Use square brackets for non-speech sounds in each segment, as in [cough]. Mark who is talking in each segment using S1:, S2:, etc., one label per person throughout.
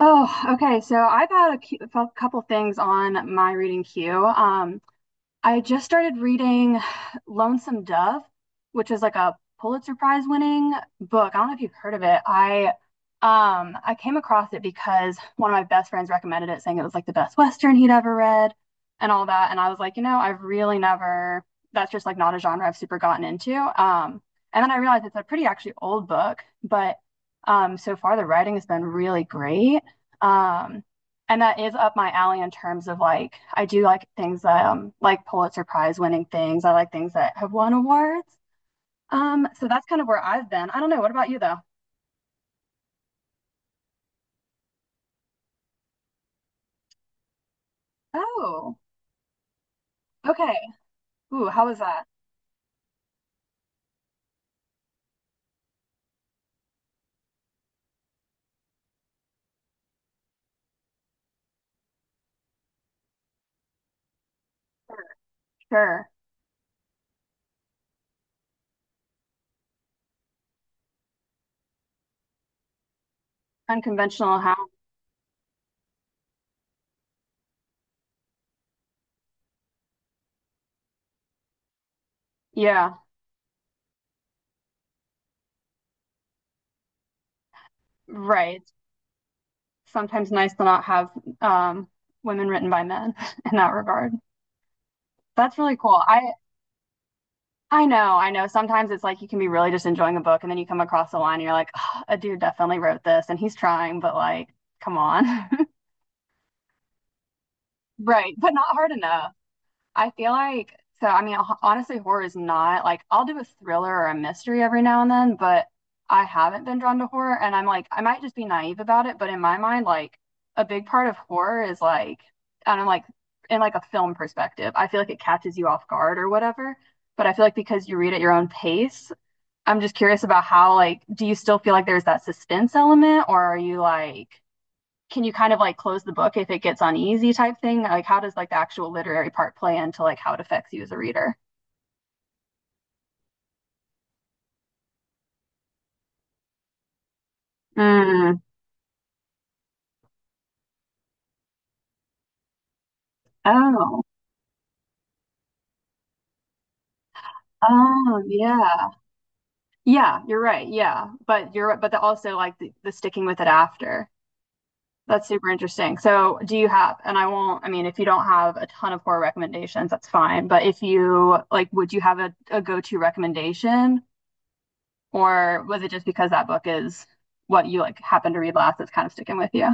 S1: Oh, okay. So I've had a couple things on my reading queue. I just started reading Lonesome Dove, which is like a Pulitzer Prize winning book. I don't know if you've heard of it. I came across it because one of my best friends recommended it, saying it was like the best Western he'd ever read and all that. And I was like, you know, I've really never that's just like not a genre I've super gotten into. Um and then I realized it's a pretty actually old book, but so far the writing has been really great. Um and that is up my alley in terms of like I do like things that like Pulitzer Prize winning things. I like things that have won awards. So that's kind of where I've been. I don't know. What about you though? Oh, okay. Ooh, how was that? Sure. Sure. Unconventional how? Yeah, right. Sometimes nice to not have um women written by men [laughs] in that regard. That's really cool. I know, I know. Sometimes it's like you can be really just enjoying a book and then you come across a line and you're like, "Ugh, a dude definitely wrote this and he's trying, but like, come on." [laughs] Right, but not hard enough. I feel like so. I mean, honestly, horror is not like I'll do a thriller or a mystery every now and then, but I haven't been drawn to horror, and I'm like, I might just be naive about it, but in my mind, like a big part of horror is like, I don't know, like in like a film perspective, I feel like it catches you off guard or whatever. But I feel like because you read at your own pace, I'm just curious about how like, do you still feel like there's that suspense element, or are you like, can you kind of like close the book if it gets uneasy type thing? Like how does like the actual literary part play into like how it affects you as a reader? Mm. Oh. Oh, yeah. Yeah, you're right. Yeah. But you're but the, also like the sticking with it after. That's super interesting. So, do you have, and I won't, I mean if you don't have a ton of horror recommendations, that's fine, but if you like would you have a go-to recommendation, or was it just because that book is what you like happened to read last that's kind of sticking with you?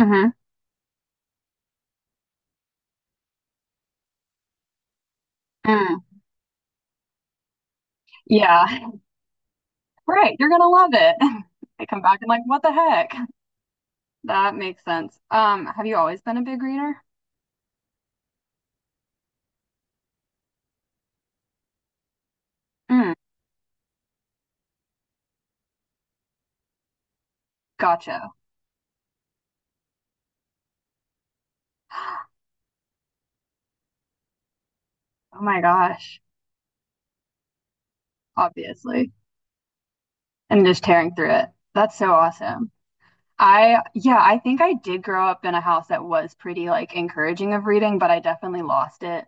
S1: Mm-hmm. Yeah, [laughs] right. You're gonna love it. [laughs] I come back and like, what the heck? That makes sense. Have you always been a big reader? Mm, gotcha. Oh my gosh, obviously. And just tearing through it. That's so awesome. I, yeah, I think I did grow up in a house that was pretty like encouraging of reading, but I definitely lost it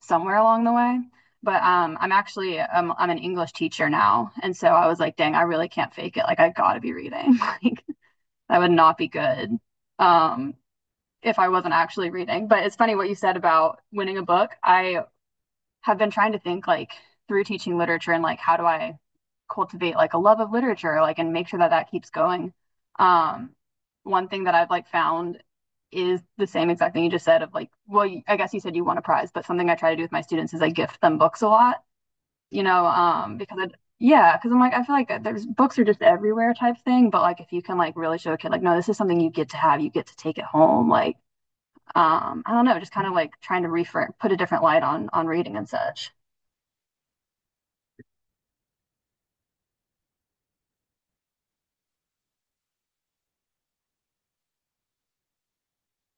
S1: somewhere along the way. But I'm actually I'm an English teacher now, and so I was like, dang, I really can't fake it. Like I gotta be reading. [laughs] Like that would not be good. Um, if I wasn't actually reading. But it's funny what you said about winning a book. I have been trying to think like through teaching literature and like how do I cultivate like a love of literature like and make sure that that keeps going. Um, One thing that I've like found is the same exact thing you just said of like well, I guess you said you won a prize, but something I try to do with my students is I gift them books a lot, you know, because it, yeah, because I'm like I feel like there's books are just everywhere type thing, but like if you can like really show a kid like no, this is something you get to have, you get to take it home, like I don't know, just kind of like trying to reframe, put a different light on reading and such.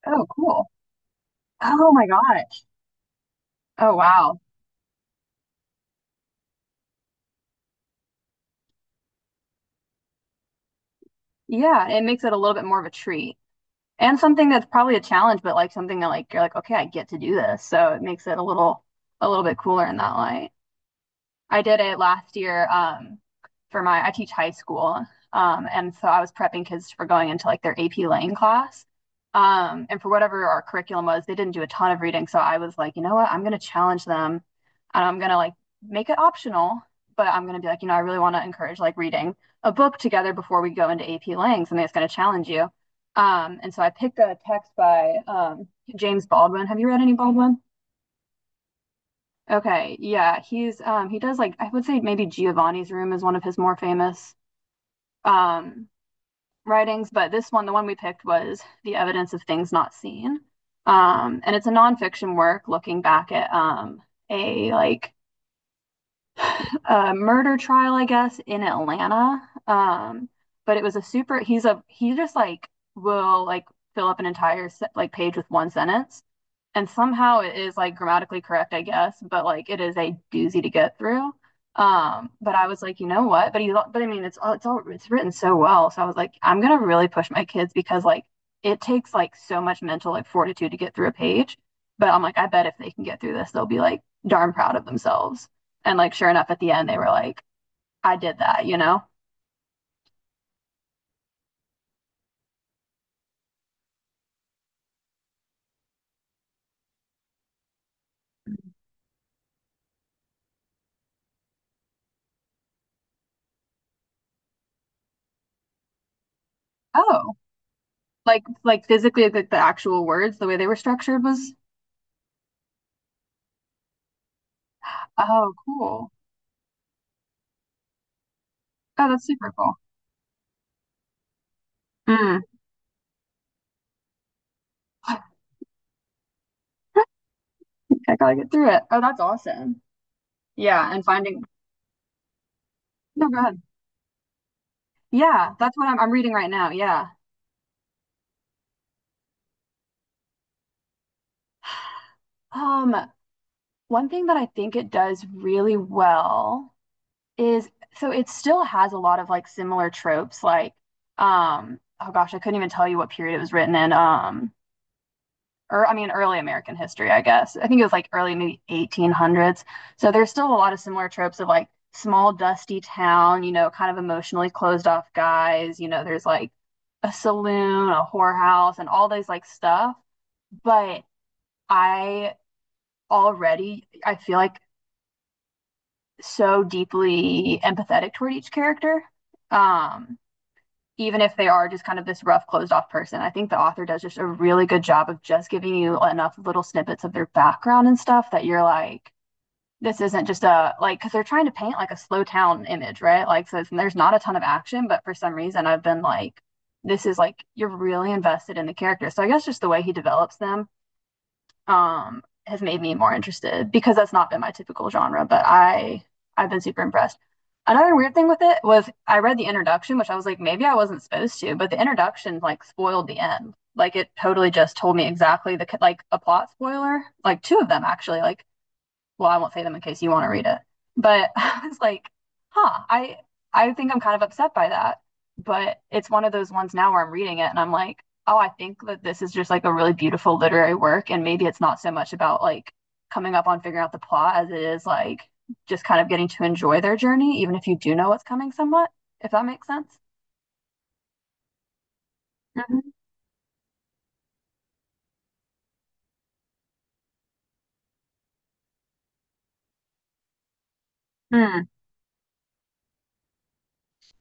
S1: Oh, cool. Oh my gosh. Oh wow. Yeah, it makes it a little bit more of a treat. And something that's probably a challenge, but like something that like you're like, okay, I get to do this. So it makes it a little bit cooler in that light. I did it last year for my, I teach high school. And so I was prepping kids for going into like their AP Lang class. And for whatever our curriculum was, they didn't do a ton of reading. So I was like, you know what? I'm going to challenge them and I'm going to like make it optional, but I'm going to be like, you know, I really want to encourage like reading a book together before we go into AP Lang, something that's going to challenge you. And so I picked a text by James Baldwin. Have you read any Baldwin? Okay, yeah, he does like I would say maybe Giovanni's Room is one of his more famous um writings, but this one, the one we picked was The Evidence of Things Not Seen. And it's a nonfiction work looking back at a like a murder trial, I guess, in Atlanta. Um but it was a super he just like will like fill up an entire like page with one sentence. And somehow it is like grammatically correct, I guess, but like it is a doozy to get through. But I was like, you know what? But I mean, it's written so well. So I was like, I'm gonna really push my kids because like it takes like so much mental like fortitude to get through a page. But I'm like, I bet if they can get through this, they'll be like darn proud of themselves. And like, sure enough, at the end, they were like, I did that, you know? Oh, like physically, like the actual words, the way they were structured was, oh, cool. Oh, that's super cool. Mm. I gotta get through it. Oh, that's awesome. Yeah, and finding no, go ahead. Yeah, that's what I'm reading right now. Yeah. Um, one thing that I think it does really well is so it still has a lot of like similar tropes, like oh gosh, I couldn't even tell you what period it was written in. Or I mean, early American history, I guess. I think it was like early maybe 1800s. So there's still a lot of similar tropes of like small, dusty town, you know, kind of emotionally closed off guys. You know, there's like a saloon, a whorehouse, and all those like stuff. But I already, I feel like so deeply empathetic toward each character. Um, even if they are just kind of this rough, closed off person. I think the author does just a really good job of just giving you enough little snippets of their background and stuff that you're like, this isn't just a like because they're trying to paint like a slow town image, right? Like, so it's, there's not a ton of action, but for some reason, I've been like, this is like you're really invested in the character. So I guess just the way he develops them has made me more interested because that's not been my typical genre, but I've been super impressed. Another weird thing with it was I read the introduction, which I was like, maybe I wasn't supposed to, but the introduction like spoiled the end. Like it totally just told me exactly the like a plot spoiler, like two of them actually, like well, I won't say them in case you want to read it. But [laughs] I was like, huh, I think I'm kind of upset by that. But it's one of those ones now where I'm reading it and I'm like, oh, I think that this is just like a really beautiful literary work. And maybe it's not so much about like coming up on figuring out the plot as it is like just kind of getting to enjoy their journey, even if you do know what's coming somewhat, if that makes sense. Mhm.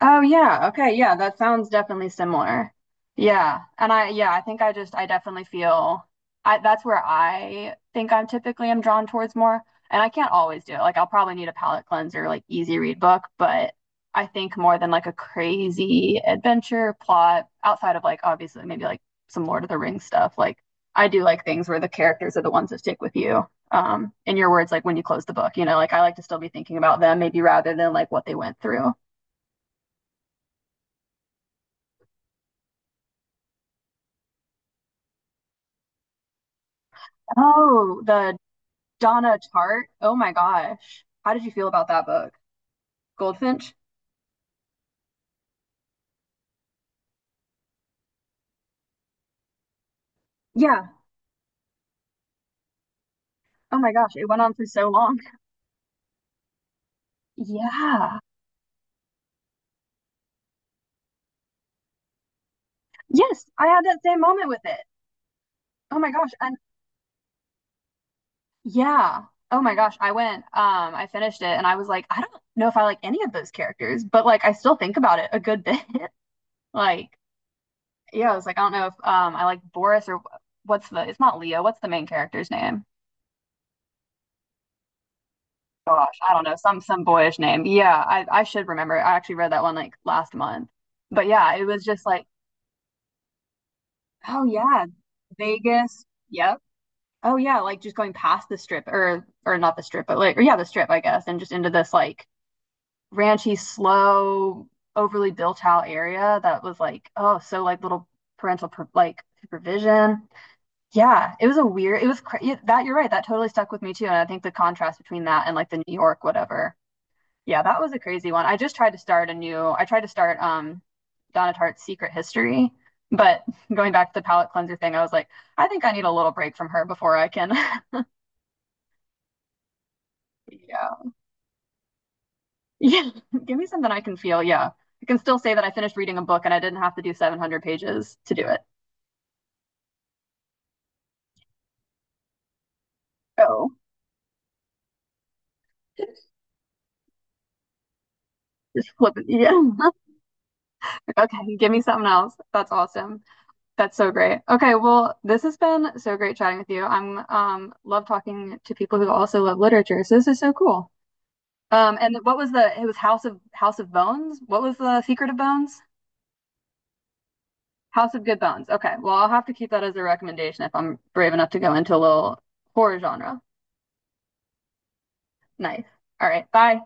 S1: Oh yeah, okay, yeah, that sounds definitely similar. Yeah. And I think I just I definitely feel I that's where I think I'm typically am drawn towards more. And I can't always do it. Like I'll probably need a palate cleanser, like easy read book, but I think more than like a crazy adventure plot outside of like obviously maybe like some Lord of the Rings stuff. Like I do like things where the characters are the ones that stick with you. In your words, like when you close the book, you know, like I like to still be thinking about them, maybe rather than like what they went through. Oh, the Donna Tartt. Oh my gosh. How did you feel about that book? Goldfinch? Yeah. Oh my gosh, it went on for so long. Yeah. Yes, I had that same moment with it. Oh my gosh. And yeah. Oh my gosh, I went, I finished it and I was like, I don't know if I like any of those characters, but like I still think about it a good bit. [laughs] Like, yeah, I was like, I don't know if I like Boris or what's the, it's not Leo, what's the main character's name? Gosh, I don't know, some boyish name. Yeah, I should remember. I actually read that one like last month. But yeah, it was just like, oh yeah, Vegas. Yep. Oh yeah, like just going past the strip, or not the strip, but like or yeah, the strip, I guess, and just into this like ranchy, slow, overly built out area that was like, oh, so like little parental per like supervision. Yeah, it was a weird, it was cra yeah, that you're right, that totally stuck with me too. And I think the contrast between that and like the New York whatever, yeah, that was a crazy one. I tried to start Donna Tartt's Secret History, but [laughs] going back to the palate cleanser thing, I was like, I think I need a little break from her before I can, [laughs] yeah, yeah, [laughs] give me something I can feel. Yeah, I can still say that I finished reading a book and I didn't have to do 700 pages to do it. Oh, [laughs] just flip it. Yeah. [laughs] Okay, give me something else. That's awesome. That's so great. Okay, well, this has been so great chatting with you. I'm love talking to people who also love literature, so this is so cool. And what was the, it was House of Bones? What was the Secret of Bones? House of Good Bones. Okay. Well, I'll have to keep that as a recommendation if I'm brave enough to go into a little horror genre. Nice. All right. Bye.